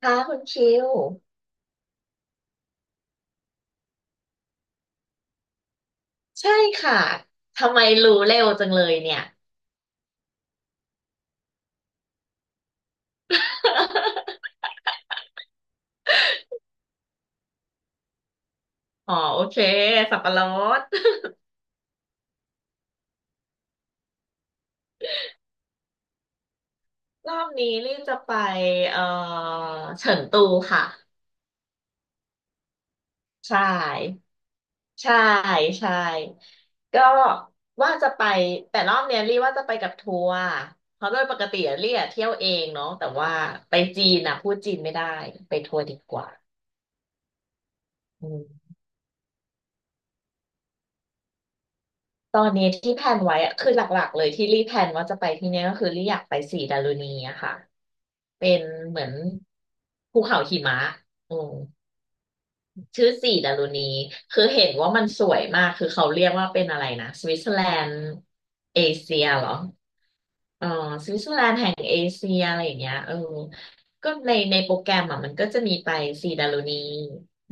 ค่ะคุณคิวใช่ค่ะทำไมรู้เร็วจังเลยเนี่ยอ๋อโอเคสับปะรดรอบนี้รีบจะไปเอ่อเฉิงตูค่ะใช่ใช่ใช่ก็ว่าจะไปแต่รอบเนี้ยรีว่าจะไปกับทัวร์เพราะโดยปกติอะรีอะเที่ยวเองเนาะแต่ว่าไปจีนอะพูดจีนไม่ได้ไปทัวร์ดีกว่าอืมตอนนี้ที่แพลนไว้อะคือหลักๆเลยที่รีแพลนว่าจะไปที่เนี้ยก็คือรีอยากไปสีดารุณีอะค่ะ เป็นเหมือนภูเขาหิมะอืมชื่อสีดารุณีคือเห็นว่ามันสวยมาก คือเขาเรียกว่าเป็นอะไรนะสวิตเซอร์แลนด์เอเชียเหรอเออสวิตเซอร์แลนด์แห่งเอเชียอะไรอย่างเงี้ยเออก็ในโปรแกรมอ่ะมันก็จะมีไปสีดารุณี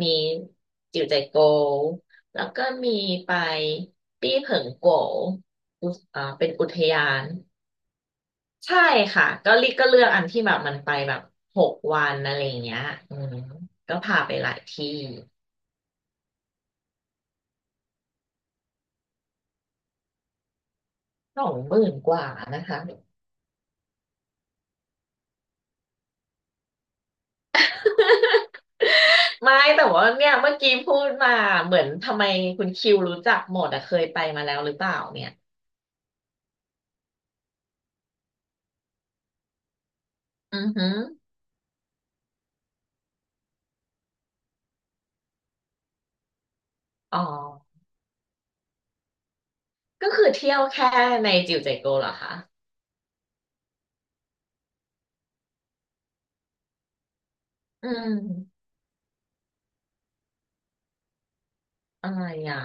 มีจิวใจโกวแล้วก็มีไปปี้เผิงโกวอุอ่าเป็นอุทยาน ใช่ค่ะก็ลิก็เลือกอันที่แบบมันไปแบบ6 วันอะไรอย่างเงี้ยอืมก็พาไปหลายที่สองหมื่นกว่านะคะไม่แต่ว่าเนี่ยเมื่อกี้พูดมาเหมือนทำไมคุณคิวรู้จักหมดอะเคยไปมาแล้วหรือเปล่าเนี่ยอือหืออ๋อก็คือเที่ยวแค่ในจิวเจโกเหรอคะอืมอะไรอ่ะ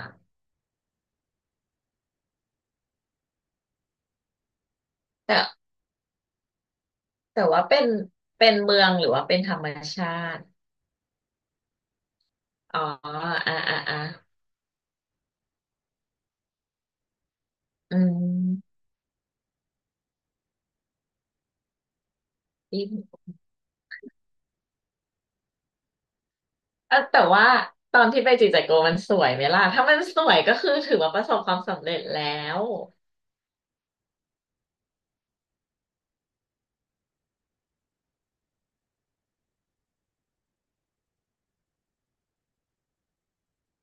แต่แต่ว่าเป็นเมืองหรือว่าเป็นธรรมชาติอ๋ออ่าอ่าอ่าอืม เออแต่ว่าตอนที่ไปจิจักโกมันสวยไหมล่ะถ้ามันสวยก็คือถือว่าประสบความสำเร็จแล้ว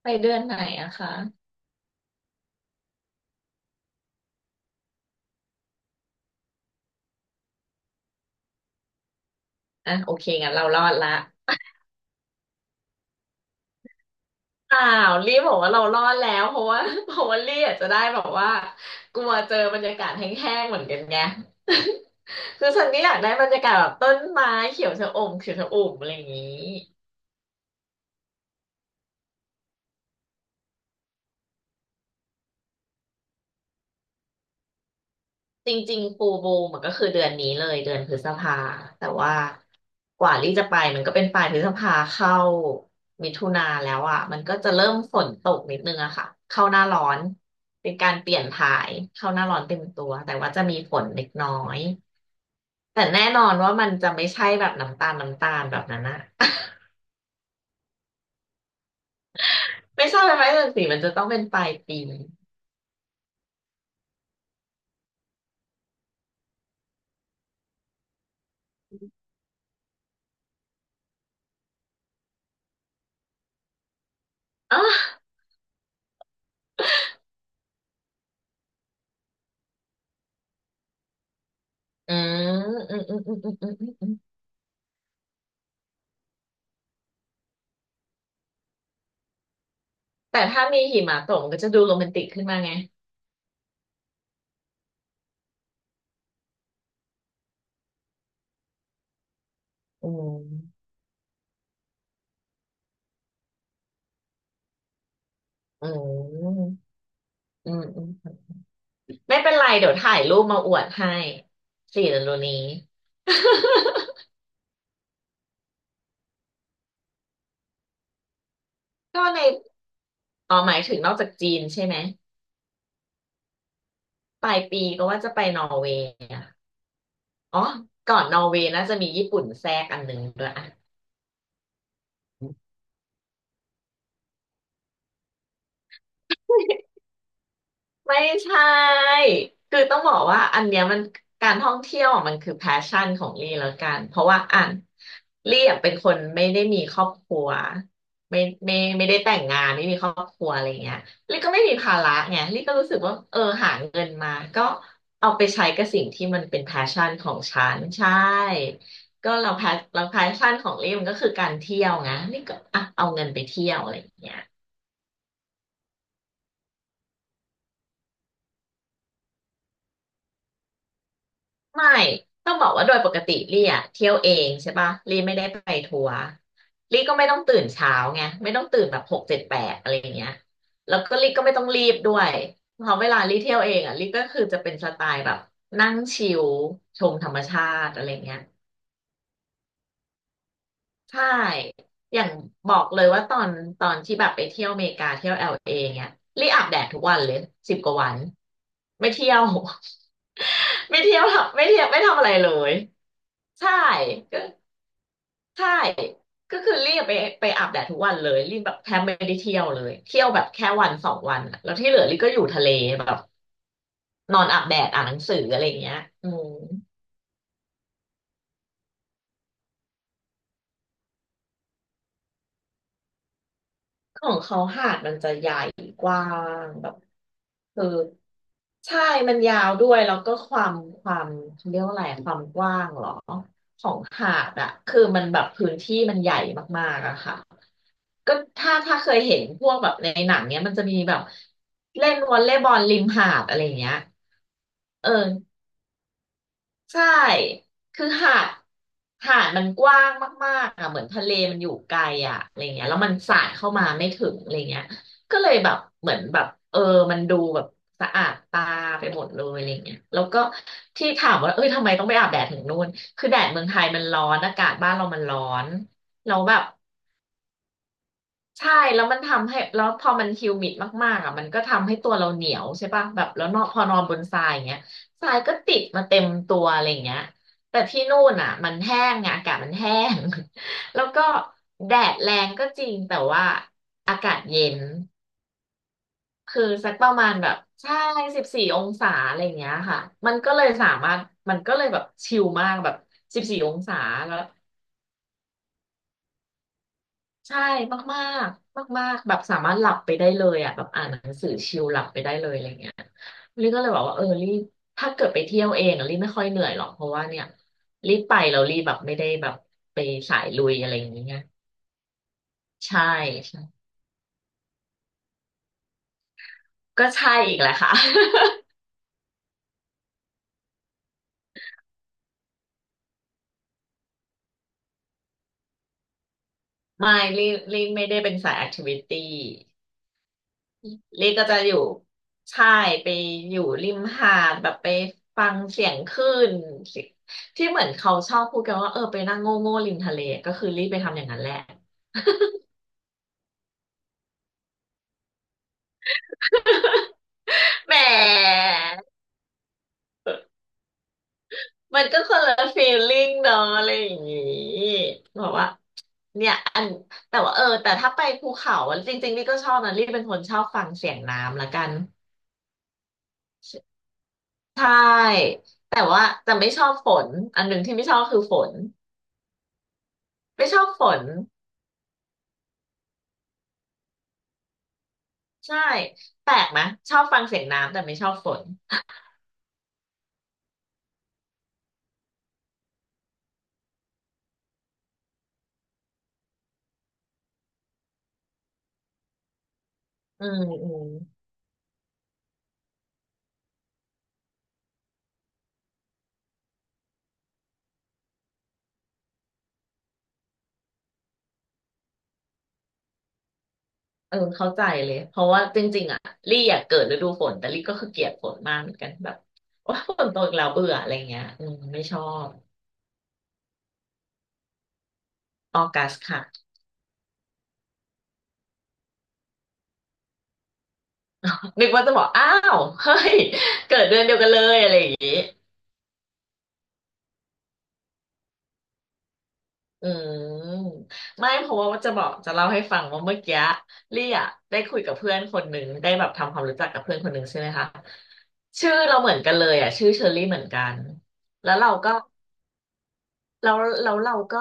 ไปเดือนไหนอะคะอ่ะโอเคงั้นเรารอดละเปล่ารีบบอกว่าเรารอดแล้วเพราะว่า เพราะว่ารีอาจจะได้แบบว่ากลัวเจอบรรยากาศแห้งๆเหมือนกันไง คือฉันก็อยากได้บรรยากาศแบบต้นไม้เขียวชะอมเขียวชะอุ่มอะไรอย่างนี้ จริงๆฟูลมูนมันก็คือเดือนนี้เลยเดือนพฤษภาแต่ว่ากว่าลี่จะไปมันก็เป็นปลายพฤษภาเข้ามิถุนาแล้วอ่ะมันก็จะเริ่มฝนตกนิดนึงอะค่ะเข้าหน้าร้อนเป็นการเปลี่ยนถ่ายเข้าหน้าร้อนเต็มตัวแต่ว่าจะมีฝนเล็กน้อยแต่แน่นอนว่ามันจะไม่ใช่แบบน้ำตาลน้ำตาลแบบนั้นอะ ไม่ใช่ไม้ไม้เรือนสีมันจะต้องเป็นปลายปีอ๋ออืมอืมอืมอืมอืมอืมอืมแต่ถ้ามีหิมะตกมันก็จะดูโรแมนติกขึ้นมาไงอืม อืม อืม อืม ไม่เป็นไรเดี๋ยวถ่ายรูปมาอวดให้สี่ฤดูนี้ ก็ในอ๋อหมายถึงนอกจากจีนใช่ไหมปลายปีก็ว่าจะไปนอร์เวย์อะอ๋อ ก่อนนอร์เวย์น่าจะมีญี่ปุ่นแทรกอันหนึ่งด้วยอะ ไม่ใช่คือต้องบอกว่าอันเนี้ยมันการท่องเที่ยวอะมันคือแพชชั่นของลี่แล้วกันเพราะว่าอ่ะลี่อะเป็นคนไม่ได้มีครอบครัวไม่ไม่ไม่ได้แต่งงานไม่มีครอบครัวอะไรเงี้ยลี่ก็ไม่มีภาระไงลี่ก็รู้สึกว่าเออหาเงินมาก็เอาไปใช้กับสิ่งที่มันเป็นแพชชั่นของฉันใช่ก็เราแพชชั่นของลี่มันก็คือการเที่ยวไงลี่ก็อ่ะเอาเงินไปเที่ยวอะไรเงี้ย ไม่ต้องบอกว่าโดยปกติลี่อ่ะเที่ยวเองใช่ปะลี่ไม่ได้ไปทัวร์ลี่ก็ไม่ต้องตื่นเช้าไงไม่ต้องตื่นแบบหกเจ็ดแปดอะไรอย่างเงี้ยแล้วก็ลี่ก็ไม่ต้องรีบด้วยเพราะเวลาลี่เที่ยวเองอ่ะลี่ก็คือจะเป็นสไตล์แบบนั่งชิลชมธรรมชาติอะไรเงี้ยใช่อย่างบอกเลยว่าตอนที่แบบไปเที่ยวอเมริกาเที่ยวเอลเอเงี้ยลี่อาบแดดทุกวันเลย10 กว่าวันไม่เที่ยว ไม่เที่ยวทำไม่เที่ยวไม่ทำอะไรเลยใช่ ใช่ ก็คือรีบไปไปอาบแดดทุกวันเลยรีบแบบแทบไม่ได้เที่ยวเลยเที่ยวแบบแค่วันสองวันอะแล้วที่เหลือรีก็อยู่ทะเลแบบนอนอาบแดดอ่านหนังสืออะไรอย่างเงี้ยอืมของเขาหาดมันจะใหญ่กว้างแบบคือใช่มันยาวด้วยแล้วก็ความเขาเรียกว่าอะไรความกว้างเหรอของหาดอะคือมันแบบพื้นที่มันใหญ่มากๆอะค่ะ ก็ถ้าเคยเห็นพวกแบบในหนังเนี้ยมันจะมีแบบเล่นวอลเลย์บอลริมหาดอะไรอย่างเงี้ยเออใช่คือหาดมันกว้างมากๆอ่ะเหมือนทะเลมันอยู่ไกลอ่ะอะไรเงี้ยแล้วมันสาดเข้ามาไม่ถึงอะไรเงี้ยก็เลยแบบเหมือนแบบเออมันดูแบบสะอาดตาไปหมดเลยอะไรเงี้ยแล้วก็ที่ถามว่าเอ้ยทำไมต้องไปอาบแดดถึงนู่นคือแดดเมืองไทยมันร้อนอากาศบ้านเรามันร้อนเราแล้วแบบ ใช่แล้วมันทำให้แล้วพอมันฮิวมิดมากๆอ่ะมันก็ทำให้ตัวเราเหนียวใช่ป่ะแบบแล้วนอนพอนอนบนทรายอย่างเงี้ยทรายก็ติดมาเต็มตัวอะไรอย่างเงี้ยแต่ที่นู่นอ่ะมันแห้งไงอากาศมันแห้ง แล้วก็แดดแรงก็จริงแต่ว่าอากาศเย็นคือสักประมาณแบบใช่สิบสี่องศาอะไรอย่างเงี้ยค่ะมันก็เลยสามารถมันก็เลยแบบชิลมากแบบสิบสี่องศาแล้ว ใช่มากๆมากๆแบบสามารถหลับไปได้เลยอ่ะแบบอ่านหนังสือชิลหลับไปได้เลยอะไรเงี้ยลี่ก็เลยบอกว่าเออลี่ถ้าเกิดไปเที่ยวเองอะลี่ไม่ค่อยเหนื่อยหรอกเพราะว่าเนี่ยลี่ไปแล้วลี่แบบไม่ได้แบบไปสายลุยอะไรอย่างเงี้ยใช่ใช่ก็ใช่อีกแหละค่ะ ไม่ลี่ลี่ไม่ได้เป็นสายแอคทิวิตี้ ลี่ก็จะอยู่ใช่ไปอยู่ริมหาดแบบไปฟังเสียงคลื่นสิที่เหมือนเขาชอบพูดกันว่าเออไปนั่งโง่โง่ริมทะเลก็คือลี่ไปทำอย่างนั้นแหละแหมมันก็คนละฟีลลิ่งเนาะอะไรอย่างงี้บอกว่าเนี่ยอันแต่ว่าเออแต่ถ้าไปภูเขาอะจริงๆลี่ก็ชอบนะลี่เป็นคนชอบฟังเสียงน้ำละกันใช่แต่ว่าจะไม่ชอบฝนอันหนึ่งที่ไม่ชอบคือฝนไม่ชอบฝน ใช่แปลกไหะชอบฟังเสียงน้ำแต่ไม่ชอบฝนอืมอืมเออเข้าใจเลยเพราะว่าจริงๆอ่ะลี่อยากเกิดฤดูฝนแต่ลี่ก็คือเกลียดฝนมากเหมือนกันแบบว่าฝนตกอีกแล้วเบื่ออะไรเงี้ยอืมไม่ชอบออกัสค่ะนึกว่าจะบอกอ้าวเฮ้ยเกิดเดือนเดียวกันเลยอะไรอย่างงี้ อืมไม่เพราะว่าจะบอกจะเล่าให้ฟังว่าเมื่อกี้ลี่อะได้คุยกับเพื่อนคนหนึ่งได้แบบทำความรู้จักกับเพื่อนคนหนึ่งใช่ไหมคะชื่อเราเหมือนกันเลยอ่ะชื่อเชอรี่เหมือนกันแล้วเราก็ แล้วแล้วเราก็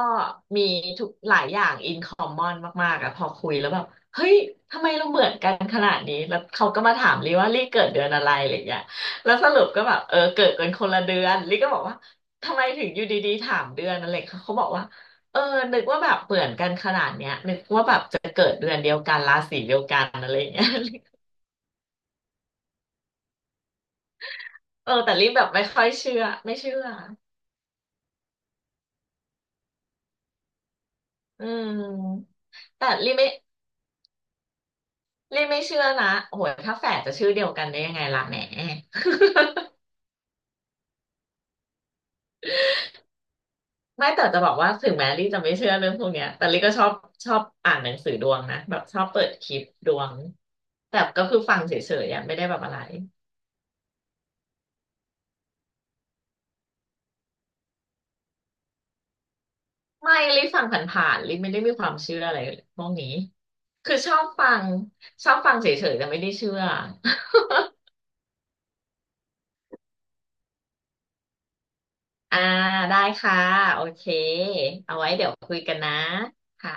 มีทุกหลายอย่างอินคอมมอนมากๆอะพอคุยแล้วแบบเฮ้ยทำไมเราเหมือนกันขนาดนี้แล้วเขาก็มาถามลิว่าลิเกิดเดือนอะไรอะไรอย่างเงี้ยแล้วสรุปก็แบบเออเกิดกันคนละเดือนลิก็บอกว่าทำไมถึงอยู่ดีๆถามเดือนอะไรเขาเขาบอกว่าเออนึกว่าแบบเหมือนกันขนาดเนี้ยนึกว่าแบบจะเกิดเดือนเดียวกันราศีเดียวกันอะไรอย่างเงี้ย เออแต่ลิแบบไม่ค่อยเชื่อไม่เชื่ออืมแต่ลิไม่ ลี่ไม่เชื่อนะโอ้โหถ้าแฝดจะชื่อเดียวกันได้ยังไงล่ะแหมไม่แต่จะบอกว่าถึงแม้ลี่จะไม่เชื่อเรื่องพวกเนี้ยแต่ลี่ก็ชอบอ่านหนังสือดวงนะแบบชอบเปิดคลิปดวง แต่ก็คือฟังเฉยๆอ่ะไม่ได้แบบอะไรไม่ลี่ฟังผ่านๆลี่ไม่ได้มีความเชื่ออะไรพวกนี้คือชอบฟังเฉยๆแต่ไม่ได้เชื่ออ่าได้ค่ะโอเคเอาไว้เดี๋ยวคุยกันนะค่ะ